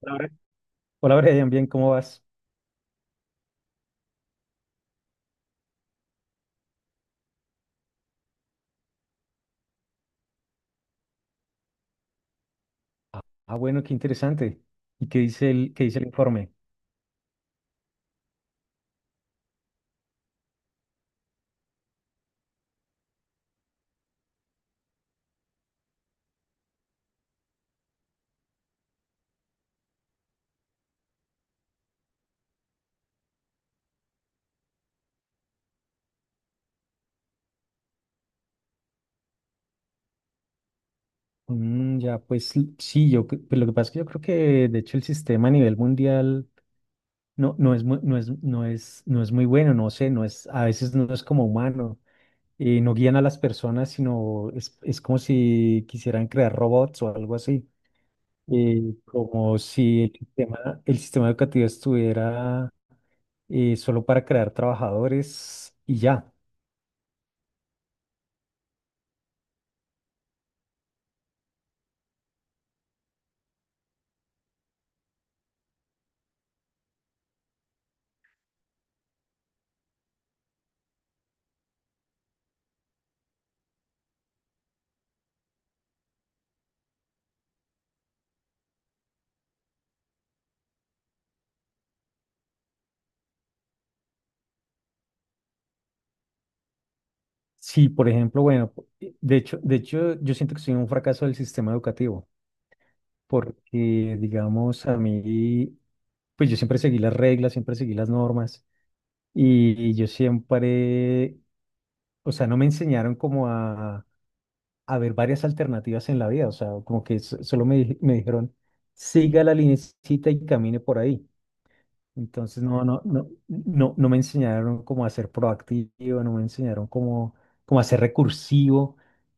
Hola, Hola, Brian, bien, ¿cómo vas? Ah, bueno, qué interesante. ¿Y qué dice el informe? Mm, ya, pues sí, pues, lo que pasa es que yo creo que de hecho el sistema a nivel mundial no es, no es muy bueno, no sé, no es, a veces no es como humano. No guían a las personas, sino es como si quisieran crear robots o algo así. Como si el sistema educativo estuviera solo para crear trabajadores y ya. Sí, por ejemplo, bueno, de hecho, yo siento que soy un fracaso del sistema educativo, porque, digamos, a mí, pues yo siempre seguí las reglas, siempre seguí las normas, y yo siempre, o sea, no me enseñaron como a ver varias alternativas en la vida, o sea, como que solo me, me dijeron, siga la linecita y camine por ahí. Entonces no me enseñaron cómo a ser proactivo, no me enseñaron cómo, cómo a ser recursivo.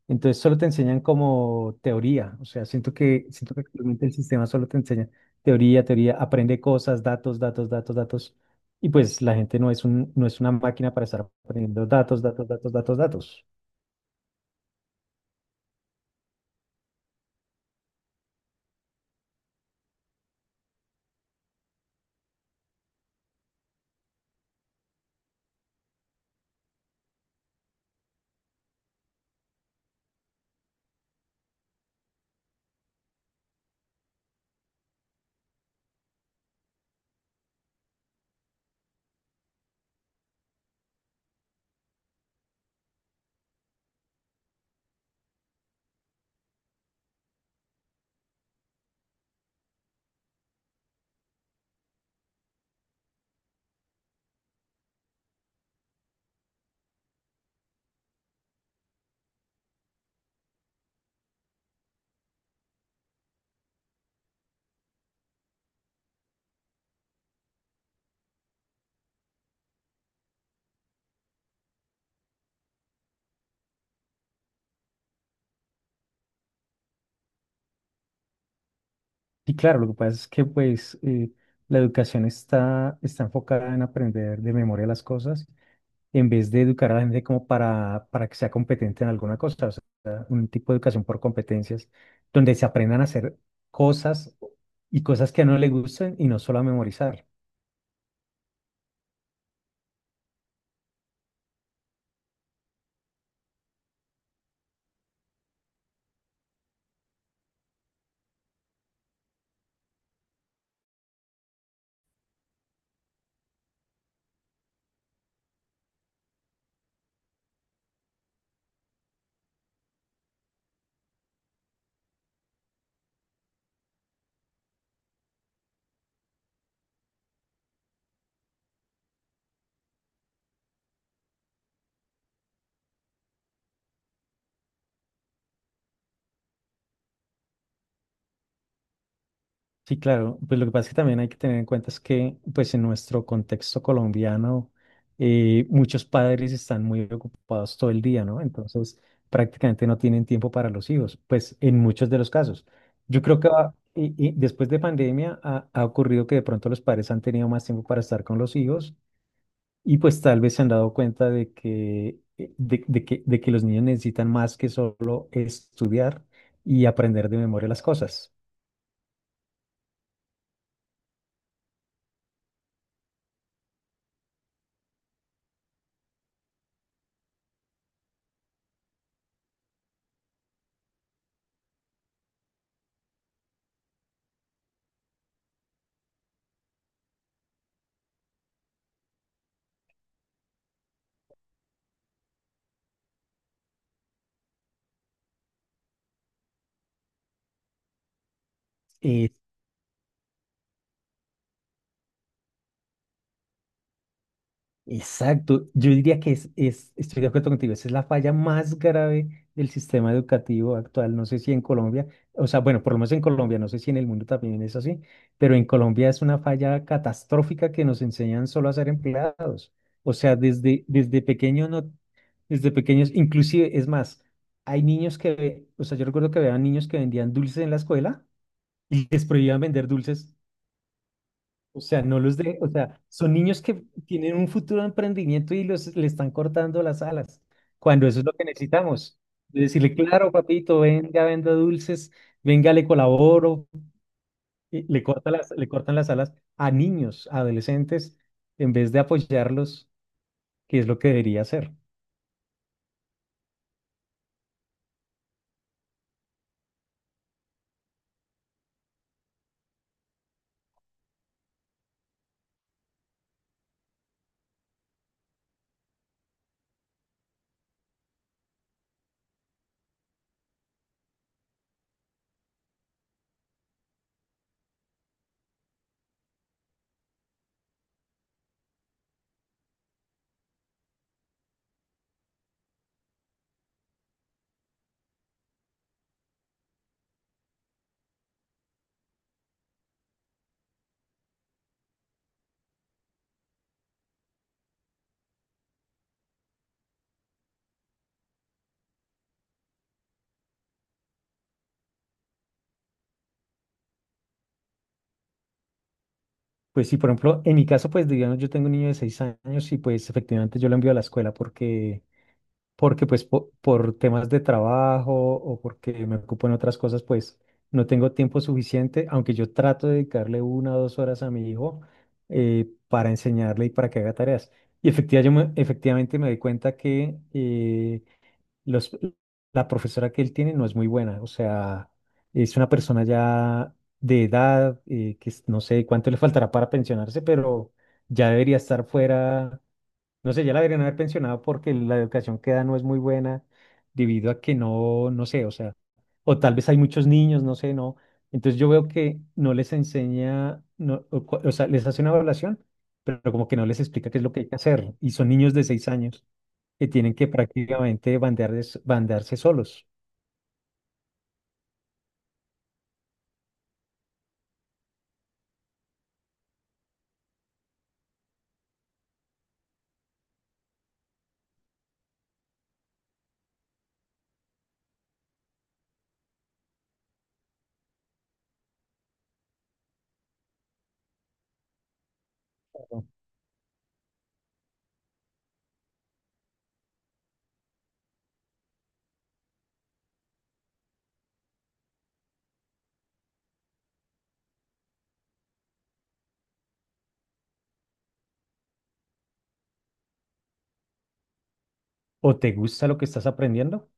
Entonces solo te enseñan como teoría. O sea, siento que actualmente el sistema solo te enseña teoría, teoría, aprende cosas, datos, datos, datos, datos. Y pues la gente no es una máquina para estar aprendiendo datos, datos, datos, datos, datos. Y claro, lo que pasa es que pues la educación está enfocada en aprender de memoria las cosas en vez de educar a la gente como para que sea competente en alguna cosa, o sea, un tipo de educación por competencias, donde se aprendan a hacer cosas y cosas que no le gusten y no solo a memorizar. Sí, claro. Pues lo que pasa es que también hay que tener en cuenta es que, pues en nuestro contexto colombiano, muchos padres están muy ocupados todo el día, ¿no? Entonces, prácticamente no tienen tiempo para los hijos, pues en muchos de los casos. Yo creo que y después de pandemia ha ocurrido que de pronto los padres han tenido más tiempo para estar con los hijos y pues tal vez se han dado cuenta de que, de que los niños necesitan más que solo estudiar y aprender de memoria las cosas. Eh, Exacto, yo diría que estoy de acuerdo contigo, esa es la falla más grave del sistema educativo actual, no sé si en Colombia, o sea, bueno, por lo menos en Colombia, no sé si en el mundo también es así, pero en Colombia es una falla catastrófica que nos enseñan solo a ser empleados, o sea, desde pequeños, no, desde pequeños, inclusive, es más, hay niños que, o sea, yo recuerdo que había niños que vendían dulces en la escuela y les prohibían vender dulces. O sea, no los de, o sea, son niños que tienen un futuro de emprendimiento y los, le están cortando las alas, cuando eso es lo que necesitamos. Y decirle, claro, papito, venga, venda dulces, venga, le colaboro, y le cortan las alas a niños, a adolescentes, en vez de apoyarlos, que es lo que debería hacer. Pues sí, por ejemplo, en mi caso, pues digamos, yo tengo un niño de 6 años y pues efectivamente yo lo envío a la escuela porque pues por temas de trabajo o porque me ocupo en otras cosas, pues no tengo tiempo suficiente, aunque yo trato de dedicarle una o 2 horas a mi hijo, para enseñarle y para que haga tareas. Y efectivamente, efectivamente me doy cuenta que los, la profesora que él tiene no es muy buena, o sea, es una persona ya de edad, no sé cuánto le faltará para pensionarse, pero ya debería estar fuera, no sé, ya la deberían haber pensionado porque la educación que da no es muy buena debido a que no sé, o sea, o tal vez hay muchos niños, no sé, no. Entonces yo veo que no les enseña, no, o, cua- o sea, les hace una evaluación, pero como que no les explica qué es lo que hay que hacer. Y son niños de 6 años que tienen que prácticamente bandearse, bandearse solos. ¿O te gusta lo que estás aprendiendo?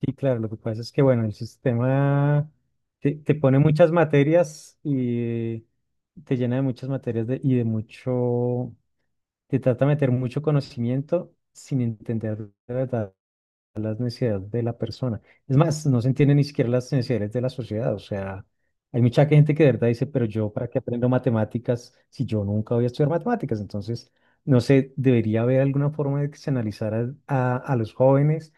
Sí, claro, lo que pasa es que, bueno, el sistema te pone muchas materias y te llena de muchas materias y de mucho, te trata de meter mucho conocimiento sin entender de verdad las necesidades de la persona. Es más, no se entienden ni siquiera las necesidades de la sociedad, o sea, hay mucha gente que de verdad dice, pero yo, ¿para qué aprendo matemáticas si yo nunca voy a estudiar matemáticas? Entonces, no sé, debería haber alguna forma de que se analizara a los jóvenes,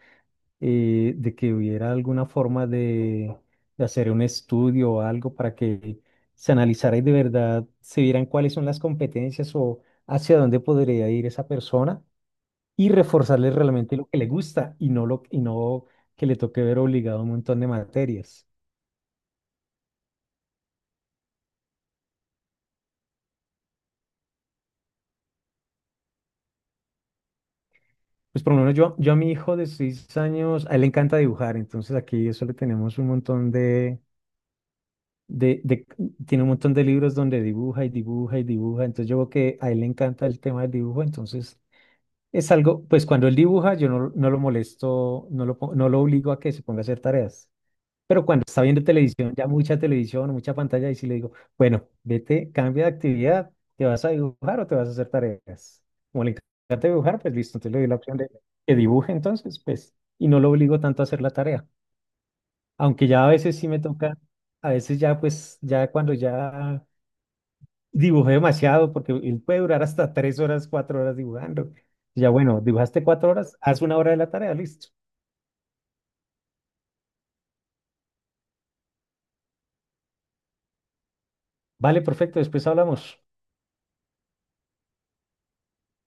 de que hubiera alguna forma de hacer un estudio o algo para que se analizara y de verdad se vieran cuáles son las competencias o hacia dónde podría ir esa persona y reforzarle realmente lo que le gusta y no que le toque ver obligado un montón de materias. Pues por lo menos yo, yo a mi hijo de 6 años, a él le encanta dibujar, entonces aquí eso le tenemos un montón de, de- tiene un montón de libros donde dibuja y dibuja y dibuja, entonces yo veo que a él le encanta el tema del dibujo, entonces es algo, pues cuando él dibuja yo no lo molesto, no lo obligo a que se ponga a hacer tareas, pero cuando está viendo televisión, ya mucha televisión, mucha pantalla, y sí le digo, bueno, vete, cambia de actividad, ¿te vas a dibujar o te vas a hacer tareas? Como le encanta dibujar, pues listo, entonces le doy la opción de que dibuje entonces, pues, y no lo obligo tanto a hacer la tarea. Aunque ya a veces sí me toca, a veces ya pues, ya cuando ya dibujé demasiado, porque él puede durar hasta 3 horas, 4 horas dibujando. Ya bueno, dibujaste 4 horas, haz una hora de la tarea, listo. Vale, perfecto, después hablamos.